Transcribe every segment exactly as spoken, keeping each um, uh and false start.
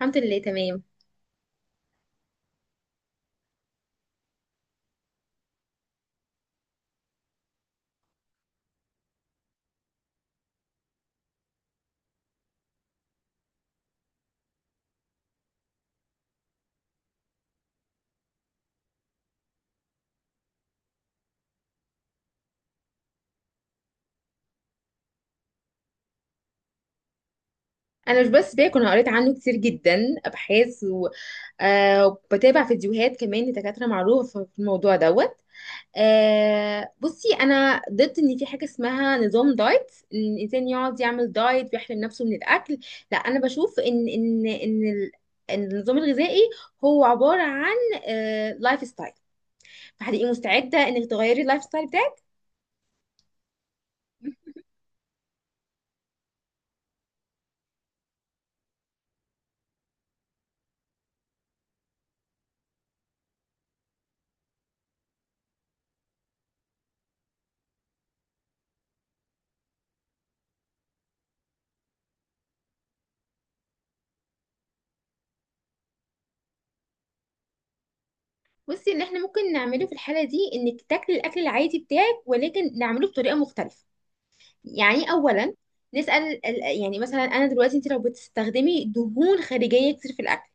الحمد لله تمام. انا مش بس باكل، انا قريت عنه كتير جدا ابحاث و- آه، وبتابع فيديوهات كمان لدكاتره معروفه في الموضوع دوت. آه، بصي، انا ضد ان في حاجه اسمها نظام دايت، ان الانسان يقعد يعمل دايت ويحرم نفسه من الاكل. لا انا بشوف ان ان ان ال- إن النظام الغذائي هو عباره عن لايف ستايل، فهتبقي مستعده انك تغيري اللايف ستايل بتاعك. بصي، ان احنا ممكن نعمله في الحاله دي انك تاكلي الاكل العادي بتاعك ولكن نعمله بطريقه مختلفه. يعني اولا نسال ال- يعني مثلا انا دلوقتي انت لو بتستخدمي دهون خارجيه كتير في الاكل،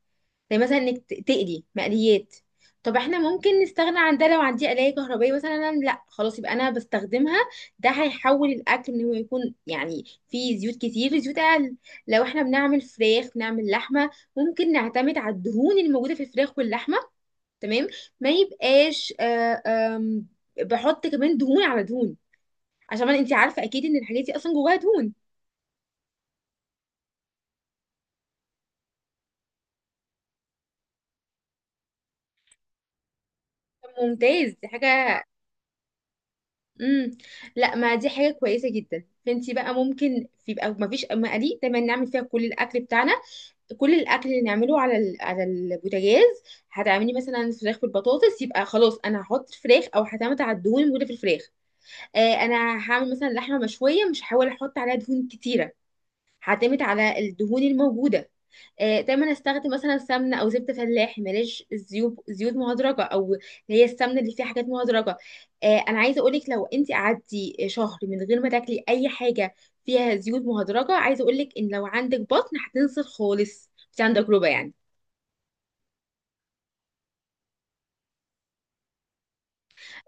زي مثلا انك ت- تقلي مقليات، طب احنا ممكن نستغنى عن ده. لو عندي قلايه كهربائيه مثلا، لا خلاص يبقى انا بستخدمها. ده هيحول الاكل ان هو يكون يعني فيه زيوت كتير لزيوت اقل. لو احنا بنعمل فراخ، بنعمل لحمه، ممكن نعتمد على الدهون الموجوده في الفراخ واللحمه. تمام. ما يبقاش آه، آم، بحط كمان دهون على دهون، عشان انت عارفه اكيد ان الحاجات دي اصلا جواها دهون. ممتاز، دي حاجه. امم لا، ما دي حاجه كويسه جدا. فانت بقى ممكن يبقى ما فيش مقادير، دايما نعمل فيها كل الاكل بتاعنا، كل الاكل اللي نعمله على ال- على البوتاجاز. هتعملي مثلا فراخ بالبطاطس، يبقى خلاص انا هحط فراخ او هعتمد على الدهون الموجوده في الفراخ. آه انا هعمل مثلا لحمه مشويه، مش هحاول احط عليها دهون كتيره، هعتمد على الدهون الموجوده. آه، دايما استخدم مثلا سمنه او زبده فلاحي، ماليش زيوت، زيوت مهدرجه، او اللي هي السمنه اللي فيها حاجات مهدرجه. آه، انا عايزه اقولك لو انت قعدتي شهر من غير ما تاكلي اي حاجه فيها زيوت مهدرجه، عايزه اقولك ان لو عندك بطن هتنزل خالص، بس عندك تجربه يعني.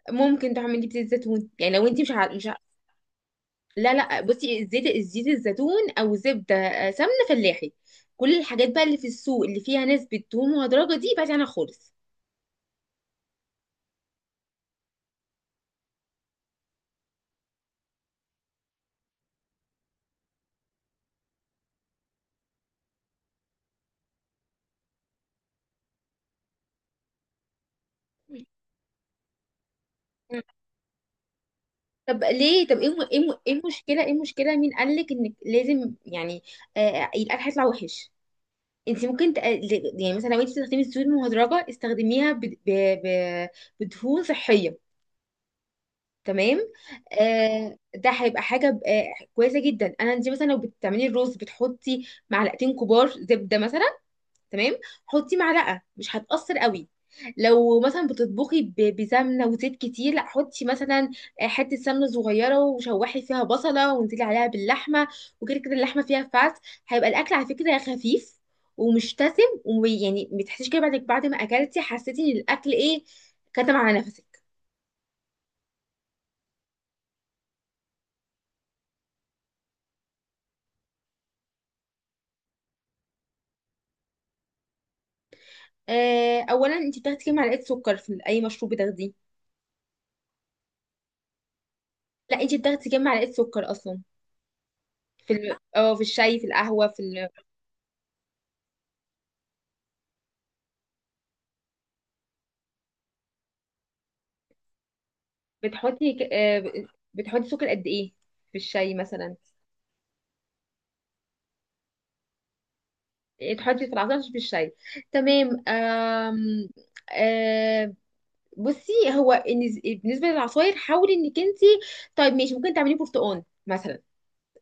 ممكن تعملي بزيت زيتون، يعني لو انت مش ع... مش ع... لا لا، بصي، زيت، زيت الزيتون او زبده، آه، سمنه فلاحي. كل الحاجات بقى اللي في السوق اللي فيها نسبه دهون مهدرجه دي، بعدي عنها خالص. طب ليه؟ طب ايه م- ايه م- ايه المشكله؟ ايه المشكله؟ مين قالك انك لازم يعني آه القلق هيطلع وحش؟ انت ممكن تق- ل- يعني مثلا لو انت بتستخدمي الزيوت المهدرجه، استخدميها ب... ب... ب... بدهون صحيه، تمام؟ آه ده هيبقى حاجه ب- آه كويسه جدا. انا انت مثلا لو بتعملي الرز بتحطي معلقتين كبار زبده مثلا، تمام؟ حطي معلقه، مش هتأثر قوي. لو مثلا بتطبخي ب- بسمنه وزيت كتير، لا حطي مثلا آه، حته سمنه صغيره، وشوحي فيها بصله، وانزلي عليها باللحمه، وكده كده اللحمه فيها فات. هيبقى الاكل على فكره خفيف ومش دسم، ويعني ما تحسيش كده بعد بعد ما اكلتي حسيتي ان الاكل ايه، كتم على نفسك. آه اولا، انت بتاخدي كام معلقه سكر في اي مشروب بتاخديه؟ لا، انت بتاخدي كام معلقه سكر اصلا في ال... اه في الشاي، في القهوه، في بتحطي ك- آه، بتحطي سكر قد ايه في الشاي مثلا؟ إيه، تحطي في العصير مش في الشاي، تمام. آم، آه، بصي، هو النز- بالنسبه للعصاير، حاولي انك انت، طيب ماشي، ممكن تعملي برتقال مثلا،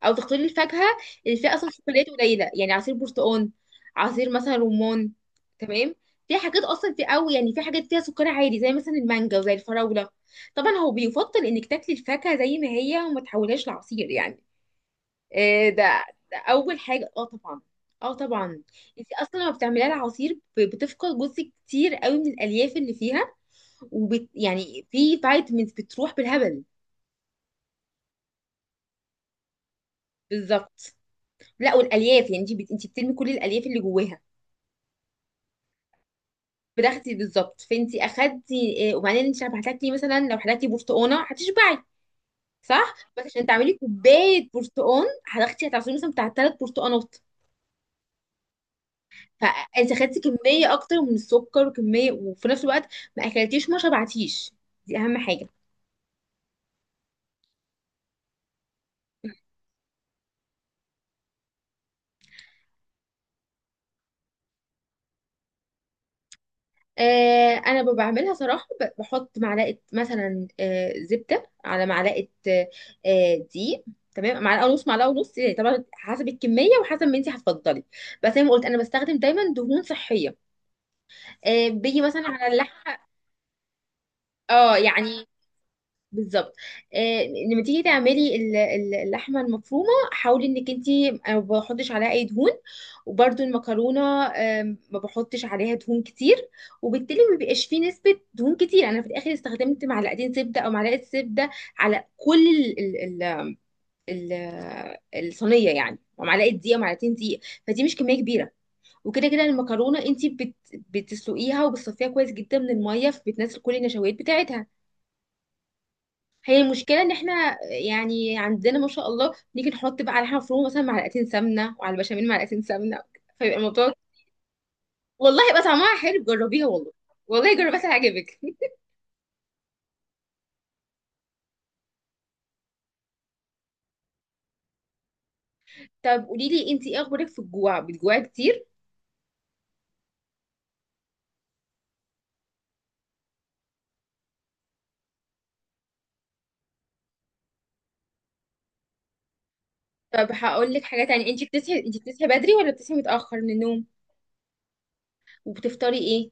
او تختاري الفاكهه اللي فيها اصلا شوكولاته قليله، يعني عصير برتقال، عصير مثلا رمان، تمام؟ في حاجات اصلا في قوي، يعني في حاجات فيها سكر عالي، زي مثلا المانجا وزي الفراوله. طبعا هو بيفضل انك تاكلي الفاكهه زي ما هي وما تحولهاش لعصير يعني. إيه ده، ده اول حاجه، اه طبعا، اه طبعا. انت اصلا لما بتعمليها العصير ب- بتفقد جزء كتير قوي من الالياف اللي فيها، وبت يعني في فيتامينز بتروح بالهبل. بالظبط. لا، والالياف يعني انت بت... انت بترمي كل الالياف اللي جواها، بتاخدي بالظبط. فانت اخدتي إيه؟ وبعدين انت لما هتاكلي مثلا، لو هتاكلي برتقانه هتشبعي، صح؟ بس عشان تعملي كوبايه برتقان هتاخدي، هتعصري مثلا بتاع ثلاث برتقانات. فانت خدتي كميه اكتر من السكر وكميه، وفي نفس الوقت ما اكلتيش، ما شبعتيش. دي اهم حاجه. آه انا ب- بعملها صراحه، ب- بحط معلقه مثلا آه زبده على معلقه آه آه، دقيق، تمام. معلقه ونص، معلقه ونص يعني، طبعا حسب الكميه وحسب ما انت هتفضلي، بس زي ما قلت انا بستخدم دايما دهون صحيه. آه بيجي مثلا على اللحمه، اه يعني بالظبط. آه، لما تيجي تعملي ال- ال- اللحمه المفرومه، حاولي انك انت ما بحطش عليها اي دهون. وبرده المكرونه، آم، ما بحطش عليها دهون كتير، وبالتالي ما بيبقاش فيه نسبه دهون كتير. يعني انا في الاخر استخدمت معلقتين زبده او معلقه زبده على كل ال ال ال الصينيه يعني، ومعلقه دقيق ومعلقتين دقيق، فدي مش كميه كبيره. وكده كده المكرونه انت بت بتسلقيها وبتصفيها كويس جدا من الميه، فبتنزل كل النشويات بتاعتها. هي المشكله ان احنا يعني عندنا ما شاء الله نيجي نحط بقى على حاجه مفرومه مثلا معلقتين سمنه، وعلى البشاميل معلقتين سمنه، فيبقى الموضوع. والله يبقى طعمها حلو، جربيها والله. والله جربيها هتعجبك. طب قولي لي انت، ايه اخبارك في الجوع؟ بتجوعي كتير؟ طب هقول لك حاجه تانية، انت بتصحي، انت بتصحي بدري ولا بتصحي متاخر من النوم؟ وبتفطري ايه؟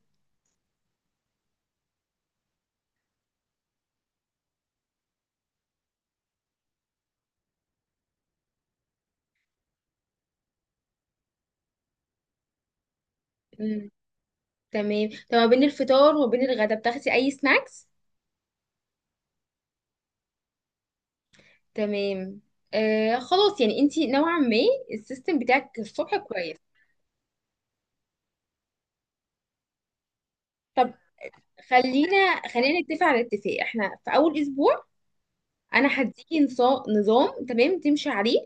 مم. تمام، طب ما بين الفطار وما بين الغدا بتاخدي اي سناكس؟ تمام. آه خلاص، يعني انت نوعا ما السيستم بتاعك الصبح كويس. طب خلينا خلينا نتفق على اتفاق، احنا في اول اسبوع انا هديكي نصا- نظام تمام تمشي عليه،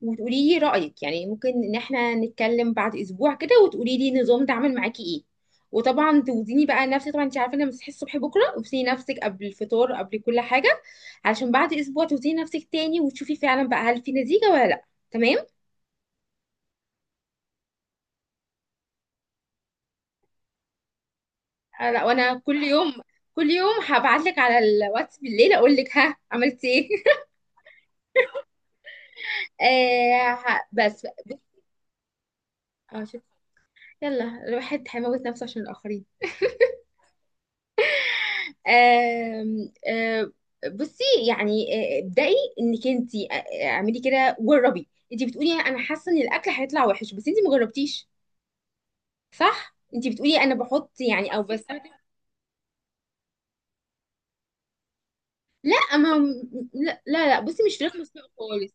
وتقولي لي رايك، يعني ممكن ان احنا نتكلم بعد اسبوع كده وتقولي لي النظام ده عامل معاكي ايه. وطبعا توزني بقى نفسك، طبعا انت عارفه ان أنا بصحي الصبح بكره، وتوزني نفسك قبل الفطار قبل كل حاجه، علشان بعد اسبوع توزني نفسك تاني وتشوفي فعلا بقى هل في نتيجه ولا لا، تمام؟ آه، لا، وانا كل يوم، كل يوم هبعت لك على الواتس بالليل اقول لك ها، عملتي ايه؟ آه ه- بس اه شوف، يلا الواحد هيموت نفسه عشان الآخرين. آم، آم، بصي يعني، آه، ابدأي انك انت، آه، آه، اعملي كده، جربي. انت بتقولي انا حاسة ان الاكل هيطلع وحش بس انت ما جربتيش، صح؟ انت بتقولي انا بحط يعني او بستخدم، لا ما لا لا لا، بصي مش فراخ مسلوقة خالص،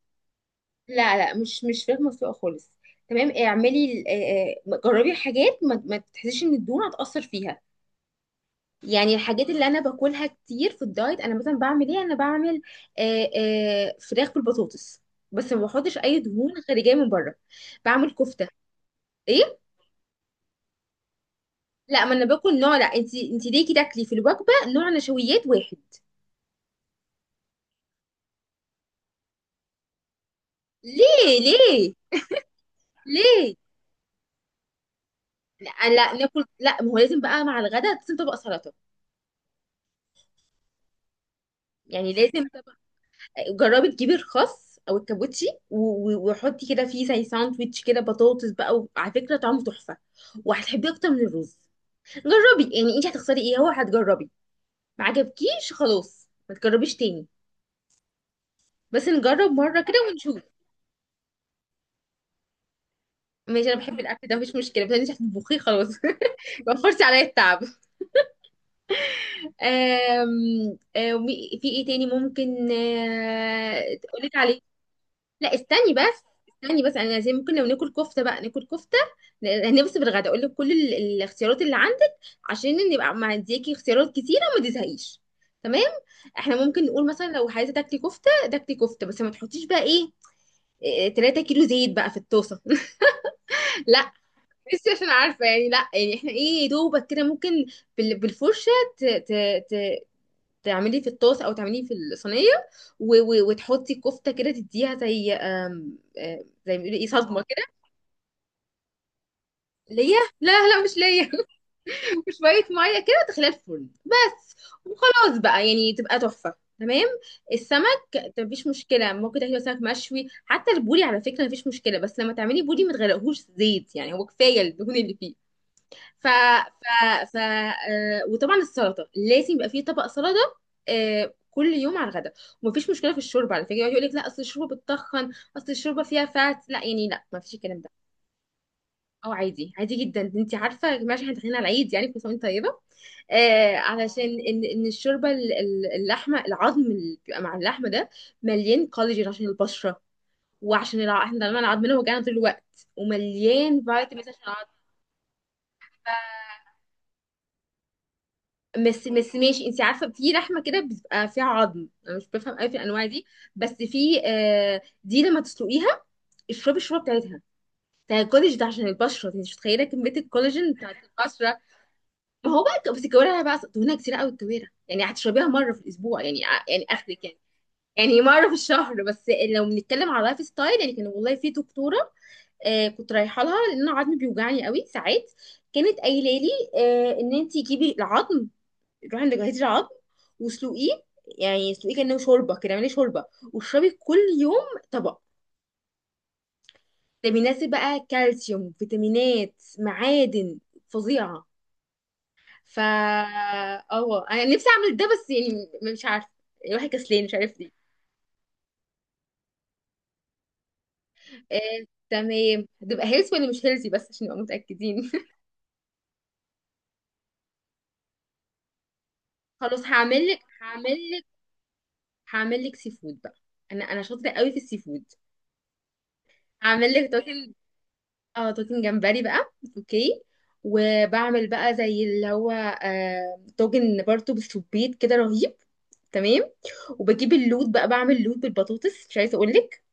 لا لا، مش مش فراخ مسلوقة خالص. تمام، اعملي ال- آه، آه، جربي حاجات ما ما تحسيش ان الدهون هتأثر فيها. يعني الحاجات اللي انا باكلها كتير في الدايت، انا مثلا بعمل ايه، انا بعمل آه، آه، فراخ بالبطاطس، بس ما بحطش اي دهون خارجيه من بره. بعمل كفته. ايه، لا ما انا باكل نوع، لا انت، انت ليه كده تاكلي في الوجبه نوع نشويات واحد؟ ليه؟ ليه؟ ليه؟ لا، لا ناكل، لا ما هو لازم بقى مع الغداء لازم طبق سلطه، يعني لازم طبق. جربي تجيبي الخس او الكابوتشي و- و- وحطي كده فيه زي ساندويتش كده بطاطس بقى، وعلى فكره طعمه تحفه، وهتحبيه اكتر من الرز. جربي، يعني انت هتخسري ايه؟ هو هتجربي، ما عجبكيش خلاص ما تجربيش تاني، بس نجرب مره كده ونشوف. ماشي، انا بحب الاكل ده مفيش مشكله، بس انت هتطبخيه خلاص. وفرتي عليا التعب. آم... آم... في ايه تاني ممكن آه، اقول لك عليه؟ لا استني بس، استني بس، انا زي ممكن لو ناكل كفته بقى ناكل كفته. هنفصل بالغدا، اقول لك كل ال- الاختيارات اللي عندك، عشان نبقى ما اديكي اختيارات كتيره وما تزهقيش، تمام. احنا ممكن نقول مثلا لو عايزه تاكلي كفته، تاكلي كفته، بس ما تحطيش بقى ايه، إيه، 3 كيلو زيت بقى في الطاسه. لا، بس عشان عارفه يعني، لا يعني احنا ايه، يا دوبك كده ممكن بال- بالفرشه ت... ت... ت... تعمليه في الطاسه او تعمليه في الصينيه، و... و... وتحطي الكفته كده، تديها زي آم، آم، زي ما بيقولوا ايه، صدمه. ليا؟ لا لا، مش ليا. وشوية مية كده، تخليها الفرن بس، وخلاص بقى يعني تبقى تحفة، تمام. السمك مفيش مشكلة، ممكن تاكلي سمك مشوي، حتى البوري على فكرة مفيش مشكلة، بس لما تعملي بوري ما تغرقهوش زيت، يعني هو كفاية الدهون اللي فيه. ف ف ف آه، وطبعا السلطة لازم يبقى فيه طبق سلطة، آه كل يوم على الغدا. ومفيش مشكلة في الشوربة على فكرة، يقعد يقول لك لا اصل الشوربة بتتخن، اصل الشوربة فيها فات، لا يعني لا مفيش الكلام ده. اه عادي، عادي جدا. انت عارفه يا جماعه احنا داخلين على العيد، يعني كل سنه وانت طيبه، آه علشان ان ان الشوربه ال- ال- اللحمه، العظم اللي بيبقى مع اللحمه ده مليان كولاجين عشان البشره، وعشان الع... احنا دايما عظمنا وجعنا طول الوقت، ومليان فيتامينز عشان العظم. بس بس ماشي، انت عارفه في لحمه كده بتبقى فيها عظم، انا مش بفهم قوي في الانواع دي، بس في آه دي لما تسلقيها اشربي الشوربه بتاعتها، بتاع الكولاج ده عشان البشره، انت مش متخيله كميه الكولاجين بتاعت البشره. ما هو بقى ك- بس الكوارع أنا بقى دهونها كتير قوي، الكوارع يعني هتشربيها مره في الاسبوع، يعني ع- يعني اخرك يعني، يعني مره في الشهر بس. لو بنتكلم على لايف ستايل يعني، كان والله في دكتوره آه كنت رايحه لها لان انا عظمي بيوجعني قوي ساعات، كانت قايله لي آه ان انت جيبي العظم، روحي عند جهاز العظم واسلقيه، يعني اسلقيه كانه شوربه كده، اعملي شوربه واشربي كل يوم طبق، ده بيناسب بقى كالسيوم فيتامينات معادن فظيعه. فا اه انا نفسي اعمل ده بس يعني مش عارفه، يعني الواحد كسلان مش عارف ليه. آه، تمام، هتبقى هيلثي ولا مش هيلثي، بس عشان نبقى متاكدين. خلاص هعمل لك، هعمل لك، هعمل لك سي فود بقى، انا انا شاطره قوي في السي فود. هعمل لك طاجن، اه طاجن جمبري بقى، اوكي. وبعمل بقى زي اللي هو آه، طاجن برضه بالسبيط كده رهيب، تمام. وبجيب اللوت بقى، بعمل لوت بالبطاطس، مش عايزه اقول لك،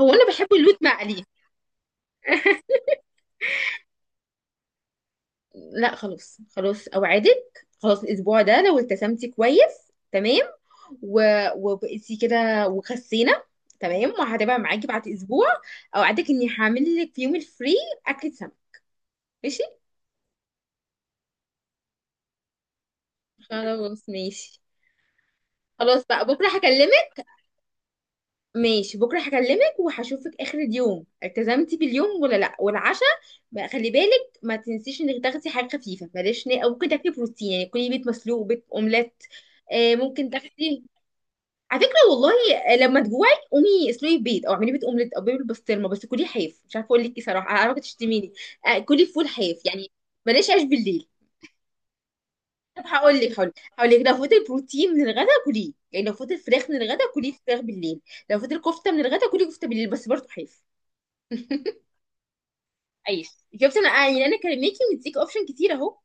هو انا بحب اللوت مقلي. لا خلاص، خلاص اوعدك، خلاص الاسبوع ده لو التزمتي كويس تمام، و... وبقيتي كده وخسينا، تمام، وهتبقى معاكي بعد اسبوع، اوعدك اني هعمل لك في يوم الفري اكلة سمك، ماشي؟ خلاص ماشي، خلاص بقى بكره هكلمك. ماشي بكره هكلمك وهشوفك اخر اليوم التزمتي باليوم ولا لا، والعشاء بقى خلي بالك ما تنسيش انك تاخدي حاجه خفيفه، بلاش نا- او ممكن تاكلي بروتين، يعني كلي بيض مسلوق، بيض اومليت، آه، ممكن تاخدي على فكره والله، آه، لما تجوعي قومي اسلقي بيض، او اعملي بيض اومليت، او بيض بالبسطرمه، بس كلي حاف. مش عارفه اقول لك ايه صراحه، انا عارفه تشتميني، آه، كلي فول حاف يعني، بلاش عيش بالليل. طب هقول لك، هقول لك، هقول لك لو فوت البروتين من الغدا كليه، يعني لو فوت الفراخ من الغدا كلي فراخ بالليل، لو فوت الكفته من الغدا كلي كفته بالليل، بس برضه حاف. عيش، شفت؟ انا آه، يعني انا كلميكي مديك اوبشن كتير اهو.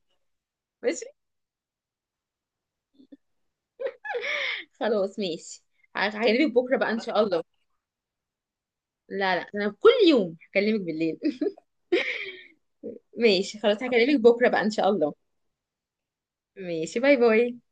ماشي، خلاص ماشي، ه- هكلمك بكره بقى ان شاء الله. لا لا انا كل يوم هكلمك بالليل. ماشي خلاص، هكلمك بكره بقى ان شاء الله. ماشي، باي باي.